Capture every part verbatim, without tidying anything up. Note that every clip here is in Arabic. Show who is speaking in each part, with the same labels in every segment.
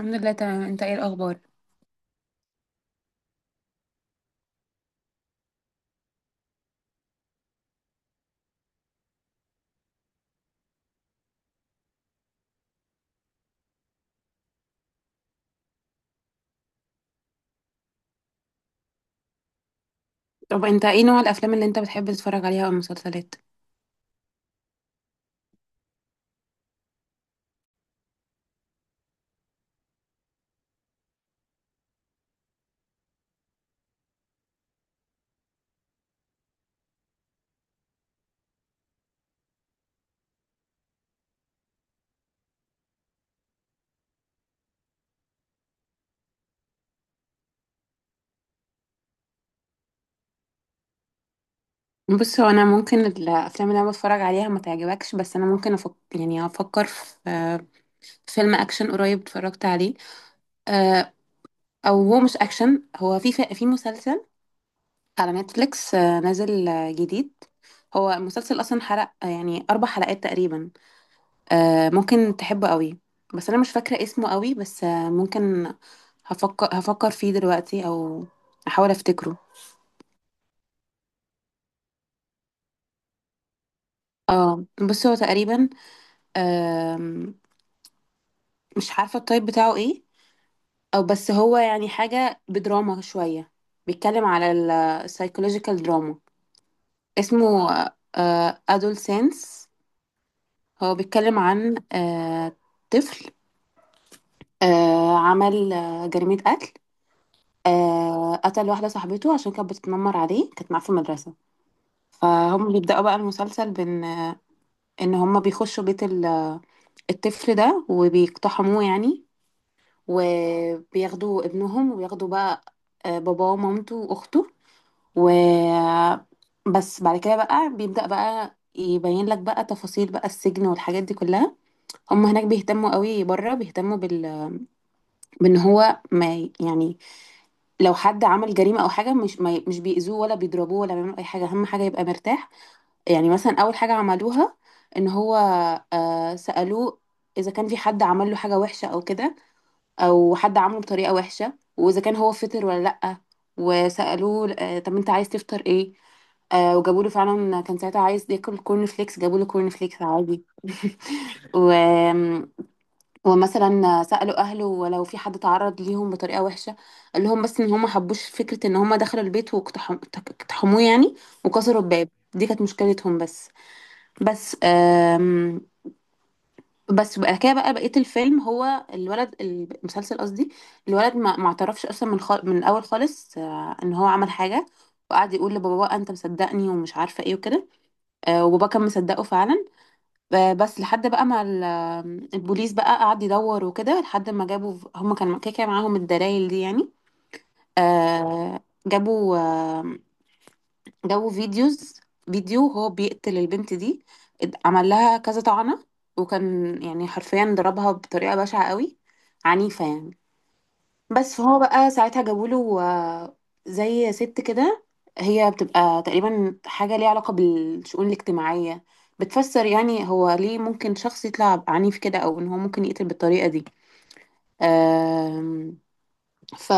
Speaker 1: الحمد لله تمام. انت ايه الاخبار؟ طب انت ايه نوع الافلام اللي انت بتحب تتفرج عليها او المسلسلات؟ بص، هو انا ممكن الافلام اللي انا بتفرج عليها ما تعجبكش، بس انا ممكن افكر، يعني افكر في في فيلم اكشن قريب اتفرجت عليه. آه، او هو مش اكشن، هو في في مسلسل على نتفليكس، آه، نازل، آه، جديد. هو المسلسل اصلا حلق آه، يعني اربع حلقات تقريبا. آه، ممكن تحبه قوي. بس انا مش فاكره اسمه قوي، بس آه، ممكن هفكر هفكر فيه دلوقتي، او احاول افتكره. اه، بس هو تقريبا آم، مش عارفة التايب بتاعه ايه، او بس هو يعني حاجة بدراما شوية. بيتكلم على السايكولوجيكال دراما. اسمه ادول سينس. هو بيتكلم عن آه، طفل آه، عمل آه، جريمة قتل. آه، قتل واحدة صاحبته عشان كانت بتتنمر عليه، كانت معاه في المدرسة. فهم بيبدأوا بقى المسلسل بإن آه، إن هم بيخشوا بيت ال- الطفل ده وبيقتحموه يعني. وبياخدوا ابنهم، وبياخدوا بقى آه، باباه ومامته واخته. و بس بعد كده بقى بيبدأ بقى يبين لك بقى تفاصيل بقى السجن والحاجات دي كلها. هم هناك بيهتموا قوي، بره بيهتموا بال بان هو ما ي- يعني لو حد عمل جريمة او حاجة، مش ما ي- مش بيأذوه ولا بيضربوه ولا بيعملوا اي حاجة، اهم حاجة يبقى مرتاح. يعني مثلا اول حاجة عملوها ان هو آه، سألوه اذا كان في حد عمل له حاجة وحشة او كده، او حد عامله بطريقه وحشه، واذا كان هو فطر ولا لا. وسالوه آه، طب انت عايز تفطر ايه؟ آه، وجابوا له فعلا. كان ساعتها عايز ياكل كورن فليكس، جابوا له كورن فليكس عادي. و... ومثلا سالوا اهله ولو في حد تعرض ليهم بطريقه وحشه. قال لهم بس ان هم ما حبوش فكره ان هم دخلوا البيت واقتحم- اقتحموه يعني، وكسروا الباب. دي كانت مشكلتهم بس. بس آم، بس بقى كده بقى بقية الفيلم هو الولد المسلسل قصدي. الولد ما ما اعترفش اصلا من خال... من الاول خالص آه، ان هو عمل حاجة، وقعد يقول لبابا بقى انت مصدقني ومش عارفه ايه وكده. آه، وبابا كان مصدقه فعلا. آه، بس لحد بقى ما ال- البوليس بقى قعد يدور وكده، لحد ما جابوا هم كان كده كده معاهم الدلائل دي يعني. آه، جابوا جابوا فيديوز، فيديو هو بيقتل البنت دي. اد- عمل لها كذا طعنة، وكان يعني حرفيا ضربها بطريقة بشعة قوي، عنيفة يعني. بس فهو بقى ساعتها جابوا له آه، زي ست كده، هي بتبقى تقريبا حاجة ليها علاقة بالشؤون الاجتماعية، بتفسر يعني هو ليه ممكن شخص يطلع عنيف كده، او ان هو ممكن يقتل بالطريقة دي. آم، ف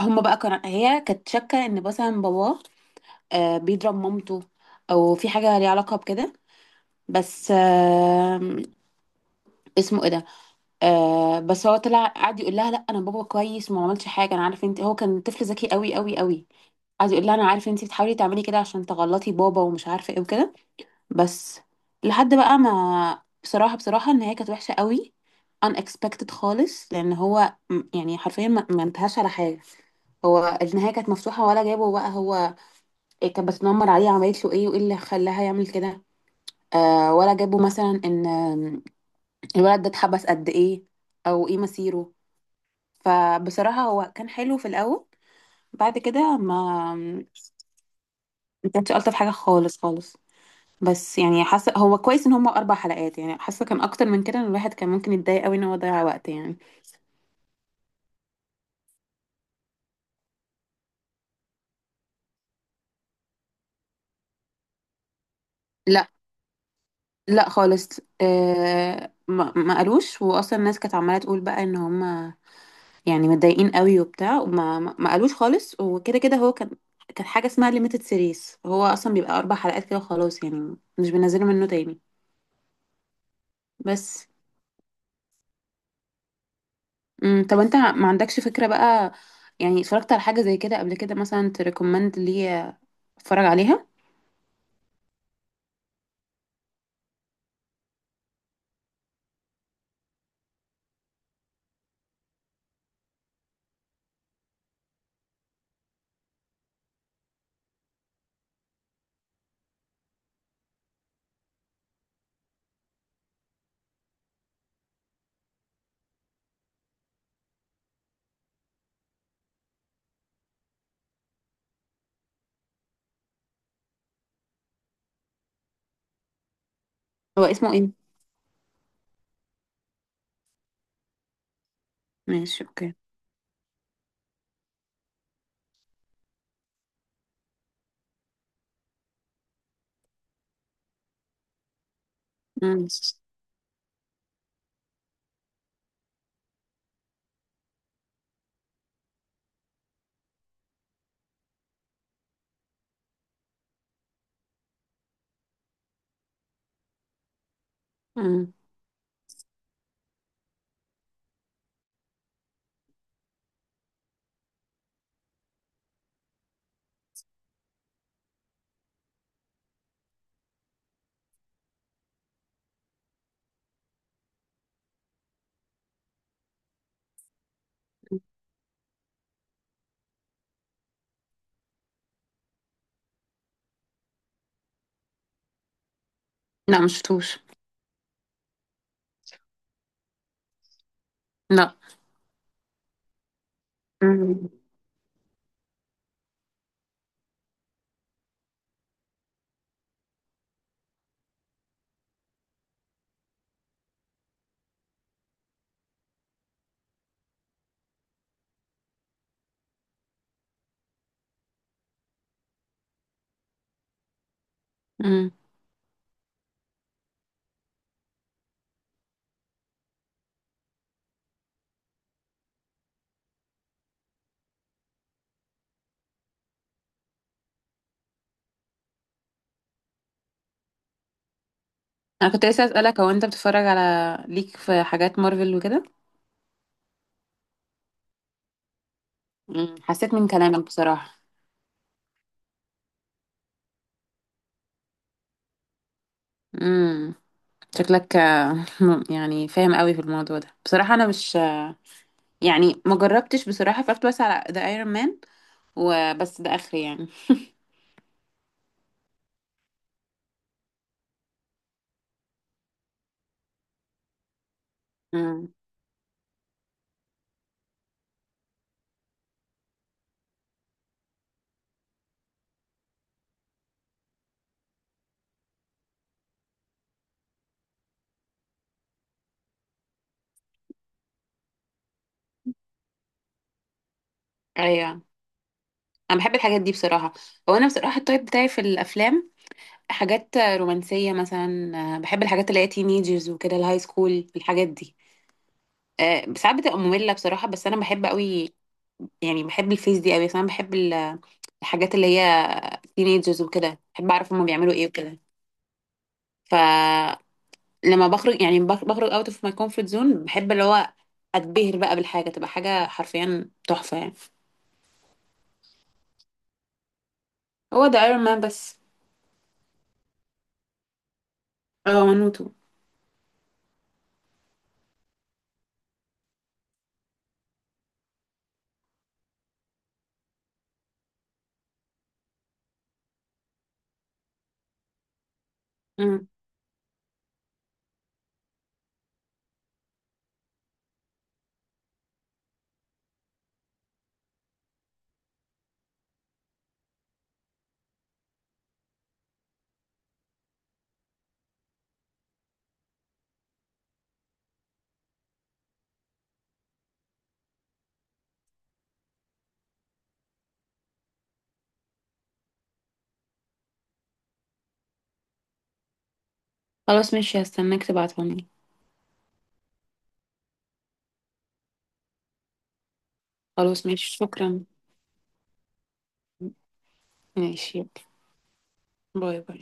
Speaker 1: هم بقى كان هي كانت شاكة ان مثلا باباه آه بيضرب مامته، او في حاجه ليها علاقه بكده. بس آه، اسمه ايه ده. آه، بس هو طلع قعد يقول لها لا، انا بابا كويس وما عملش حاجه، انا عارف انت. هو كان طفل ذكي قوي قوي قوي. قعد يقول لها انا عارف انت بتحاولي تعملي كده عشان تغلطي بابا ومش عارفه ايه وكده. بس لحد بقى ما، بصراحه بصراحه ان هي كانت وحشه قوي، unexpected خالص، لان هو م- يعني حرفيا ما ما انتهاش على حاجه. هو النهايه كانت مفتوحه، ولا جابه بقى هو إيه كانت بتتنمر عليه، عملت له ايه، وايه اللي خلاها يعمل كده. آه، ولا جابوا مثلا ان آم، الولد ده اتحبس قد ايه، او ايه مصيره. فبصراحة هو كان حلو في الاول، بعد كده ما ما كانش الطف حاجة خالص خالص. بس يعني حاسة هو كويس ان هما اربع حلقات. يعني حاسة كان اكتر من كده إن الواحد كان ممكن يتضايق قوي ان هو ضيع وقت يعني. لا، لا خالص. آه، ما, ما قالوش. واصلا الناس كانت عمالة تقول بقى ان هما يعني متضايقين قوي وبتاع، وما ما ما قالوش خالص. وكده كده هو كان كان حاجة اسمها ليميتد سيريز، هو أصلا بيبقى أربع حلقات كده وخلاص يعني، مش بينزلوا منه تاني. بس مم. طب أنت ما عندكش فكرة بقى يعني اتفرجت على حاجة زي كده قبل كده مثلا تريكومند ليا، اتفرج عليها؟ هو اسمه ايه؟ ماشي، اوكي. مم. مم. لا، مش شفتوش. لا. مم. مم. انا كنت لسه اسالك هو انت بتتفرج على، ليك في حاجات مارفل وكده؟ مم. حسيت من كلامك بصراحه. امم، شكلك آه، م- يعني فاهم قوي في الموضوع ده. بصراحة انا مش، يعني ما جربتش بصراحة، اتفرجت بس على ذا ايرون مان وبس، ده اخري يعني. امم. ايوه، انا بحب الحاجات دي بصراحة. هو انا بصراحة التايب بتاعي في الافلام حاجات رومانسية مثلا. آه، بحب الحاجات اللي هي تينيجرز وكده، الهاي سكول الحاجات دي. آه، ساعات بتبقى مملة بصراحة، بس انا بحب قوي يعني، بحب الفيس دي قوي. بس انا بحب ال- الحاجات اللي هي تينيجرز وكده، بحب اعرف هما بيعملوا ايه وكده. ف لما بخرج يعني، بخ- بخرج اوت اوف ماي كومفورت زون، بحب اللي هو اتبهر بقى بالحاجه، تبقى حاجه حرفيا تحفه يعني. هو ده ايرون مان بس، اه ونوتو. مم. خلاص ماشي، هستناك تبعتهولي. خلاص ماشي، شكرا. ماشي، يلا. باي باي.